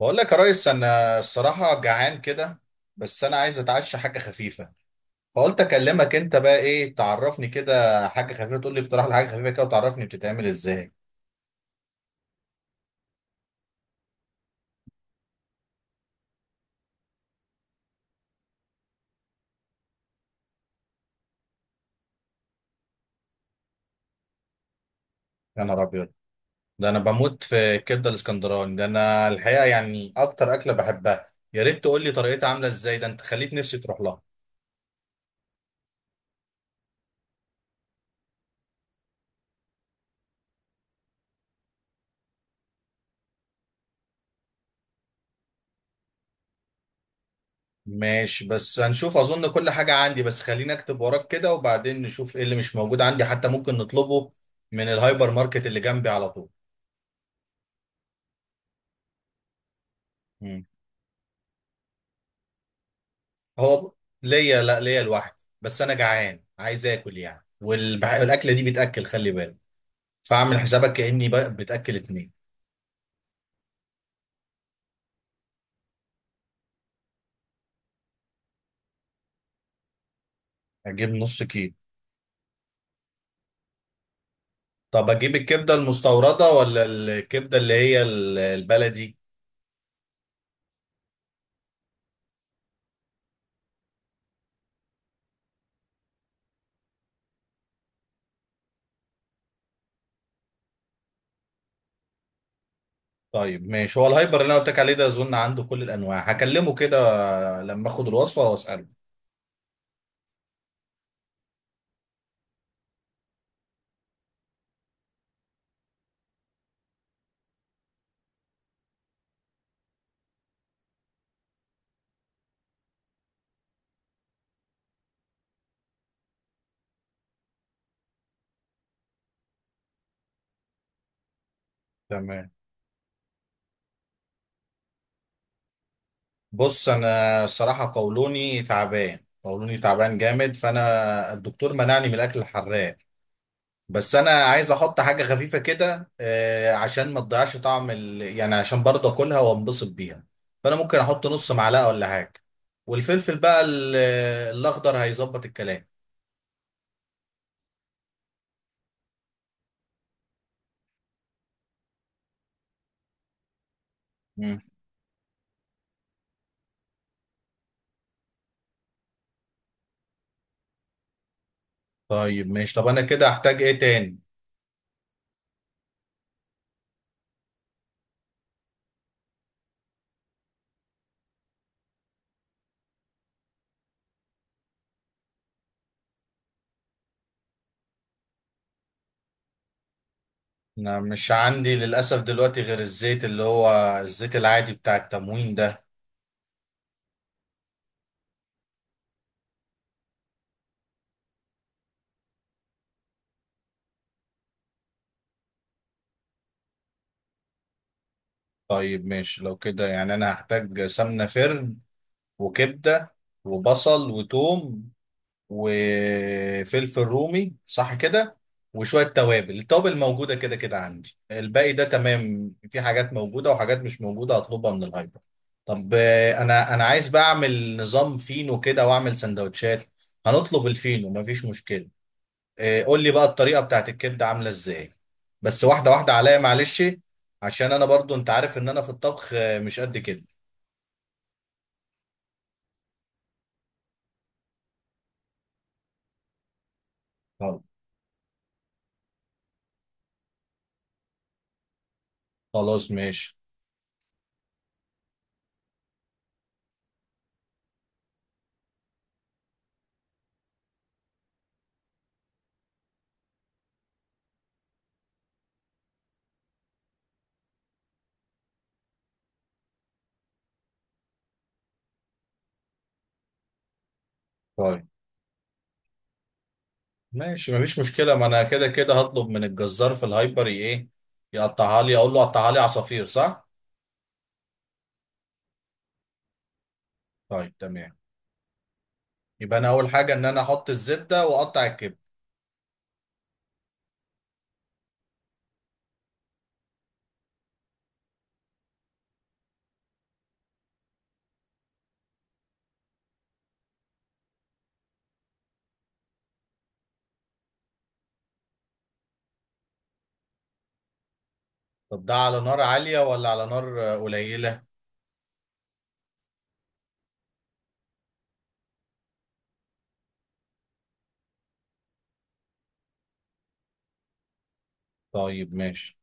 بقول لك يا ريس، انا الصراحه جعان كده. بس انا عايز اتعشى حاجه خفيفه. فقلت اكلمك انت بقى، ايه تعرفني كده حاجه خفيفه، تقول لي اقتراح لحاجه خفيفه كده وتعرفني بتتعمل ازاي. يا نهار ابيض! ده انا بموت في الكبده الاسكندراني، ده انا الحقيقه يعني اكتر اكله بحبها. يا ريت تقول لي طريقتها عامله ازاي، ده انت خليت نفسي تروح لها. ماشي، بس هنشوف، اظن كل حاجه عندي. بس خليني اكتب وراك كده وبعدين نشوف ايه اللي مش موجود عندي حتى ممكن نطلبه من الهايبر ماركت اللي جنبي على طول. هو ليا، لا ليا لوحدي، بس انا جعان عايز اكل يعني. والاكله دي بتاكل خلي بالك. فاعمل حسابك كاني بتاكل اتنين. اجيب نص كيلو؟ طب اجيب الكبده المستورده ولا الكبده اللي هي البلدي؟ طيب ماشي، هو الهايبر اللي انا قلت لك عليه ده اظن عنده كل الانواع. هكلمه كده لما اخد الوصفه واساله. تمام. بص انا الصراحه قولوني تعبان، قولوني تعبان جامد، فانا الدكتور منعني من الاكل الحراق. بس انا عايز احط حاجه خفيفه كده، عشان ما تضيعش طعم يعني عشان برضه اكلها وانبسط بيها. فانا ممكن احط نص معلقه ولا حاجه. والفلفل بقى الاخضر هيظبط الكلام. مم. طيب ماشي، طب انا كده احتاج ايه تاني؟ انا مش عندي للاسف دلوقتي غير الزيت اللي هو الزيت العادي بتاع التموين ده. طيب ماشي، لو كده يعني انا هحتاج سمنه فرن، وكبده، وبصل، وتوم، وفلفل رومي، صح كده؟ وشوية توابل، التوابل موجودة كده كده عندي. الباقي ده تمام، في حاجات موجودة وحاجات مش موجودة هطلبها من الهايبر. طب انا عايز بقى اعمل نظام فينو كده واعمل سندوتشات. هنطلب الفينو مفيش مشكلة. قول لي بقى الطريقة بتاعت الكبدة عاملة ازاي، بس واحدة واحدة عليا معلش. عشان انا برضو انت عارف ان انا في الطبخ مش قد كده. طب خلاص ماشي. طيب ماشي مفيش مشكلة، ما انا كده كده هطلب من الجزار في الهايبر ايه، يقطعها لي، اقول له قطعها لي عصافير، صح؟ طيب تمام. يبقى انا اول حاجة ان انا احط الزبدة واقطع الكبد. طب ده على نار عالية ولا على نار قليلة؟ طيب ماشي.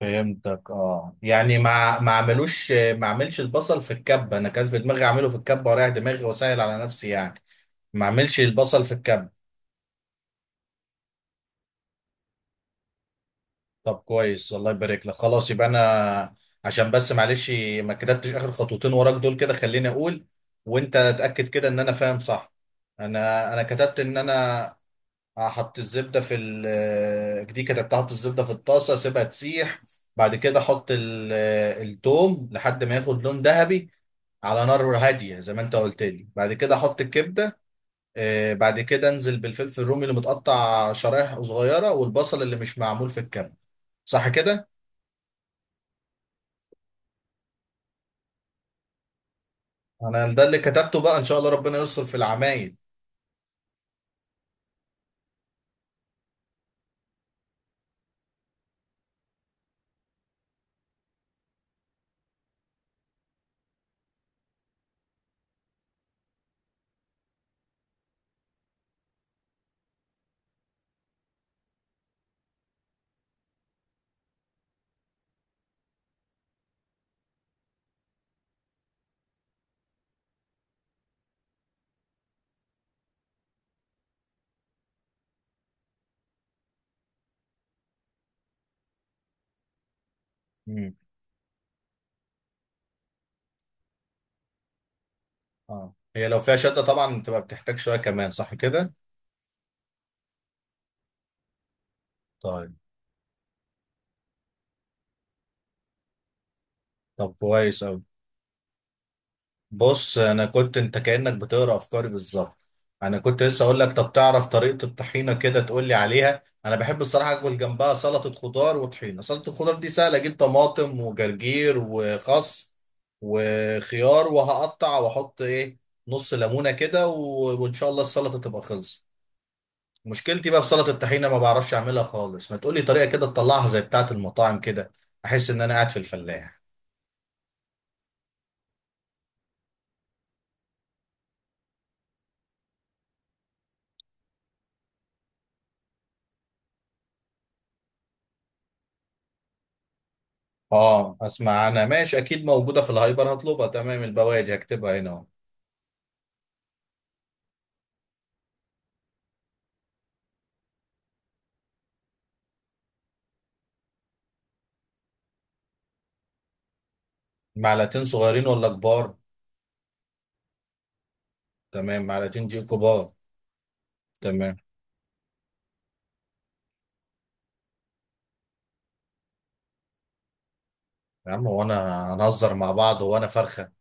فهمتك، يعني ما اعملش البصل في الكبة. انا كان في دماغي اعمله في الكبة واريح دماغي واسهل على نفسي يعني، ما اعملش البصل في الكبة. طب كويس الله يبارك لك. خلاص يبقى انا، عشان بس معلش ما كتبتش اخر خطوتين وراك دول كده، خليني اقول وانت اتاكد كده ان انا فاهم صح. انا كتبت ان انا احط الزبده في دي، كتبت احط الزبده في الطاسه اسيبها تسيح. بعد كده احط التوم لحد ما ياخد لون ذهبي على نار هاديه زي ما انت قلت لي. بعد كده احط الكبده. بعد كده انزل بالفلفل الرومي اللي متقطع شرايح صغيره والبصل اللي مش معمول في الكبه، صح كده؟ انا ده اللي كتبته بقى، ان شاء الله ربنا يستر في العمايل. امم. اه، هي لو فيها شده طبعا بتبقى بتحتاج شويه كمان، صح كده؟ طيب. طب كويس قوي. بص انا كنت، انت كانك بتقرا افكاري بالظبط. انا كنت لسه اقول لك، طب تعرف طريقه الطحينه كده تقول لي عليها. انا بحب الصراحه اكل جنبها سلطه خضار وطحينه. سلطه الخضار دي سهله، اجيب طماطم وجرجير وخس وخيار وهقطع واحط ايه، نص ليمونه كده وان شاء الله السلطه تبقى خلصت. مشكلتي بقى في سلطه الطحينه، ما بعرفش اعملها خالص. ما تقولي طريقه كده تطلعها زي بتاعه المطاعم كده، احس ان انا قاعد في الفلاح. اه اسمع، انا ماشي اكيد موجوده في الهايبر هطلبها، تمام. البواجي هكتبها هنا اهو. معلقتين صغيرين ولا كبار؟ تمام، معلقتين دي كبار. تمام. يا عم، هو انا هنهزر مع بعض؟ هو انا فرخه؟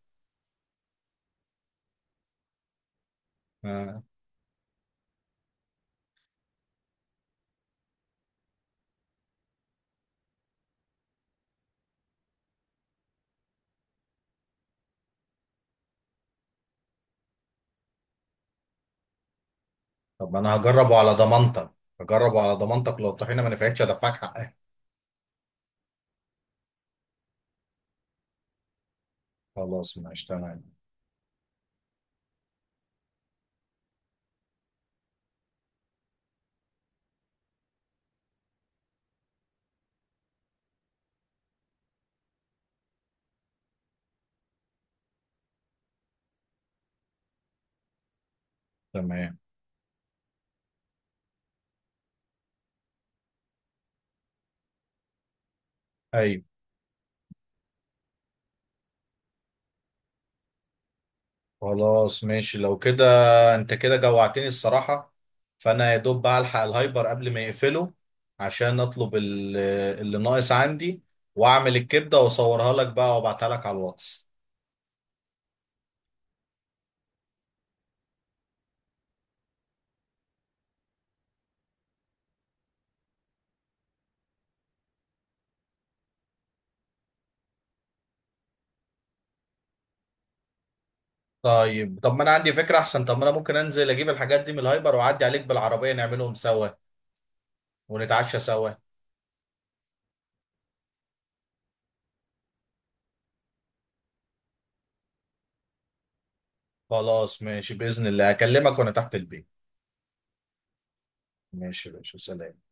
آه. طب انا هجربه على ضمانتك. هجربه على ضمانتك، لو الطحينه ما نفعتش هدفعك حقها. خلاص ماشي تمام. تمام، ايوه. خلاص ماشي لو كده. انت كده جوعتني الصراحة. فانا يا دوب بقى الحق الهايبر قبل ما يقفله عشان اطلب اللي ناقص عندي، واعمل الكبدة واصورها لك بقى وابعتها لك على الواتس. طيب. طب ما انا عندي فكرة احسن، طب ما انا ممكن انزل اجيب الحاجات دي من الهايبر واعدي عليك بالعربية، نعملهم سوا ونتعشى سوا. خلاص ماشي، بإذن الله اكلمك وانا تحت البيت. ماشي يا باشا، سلام.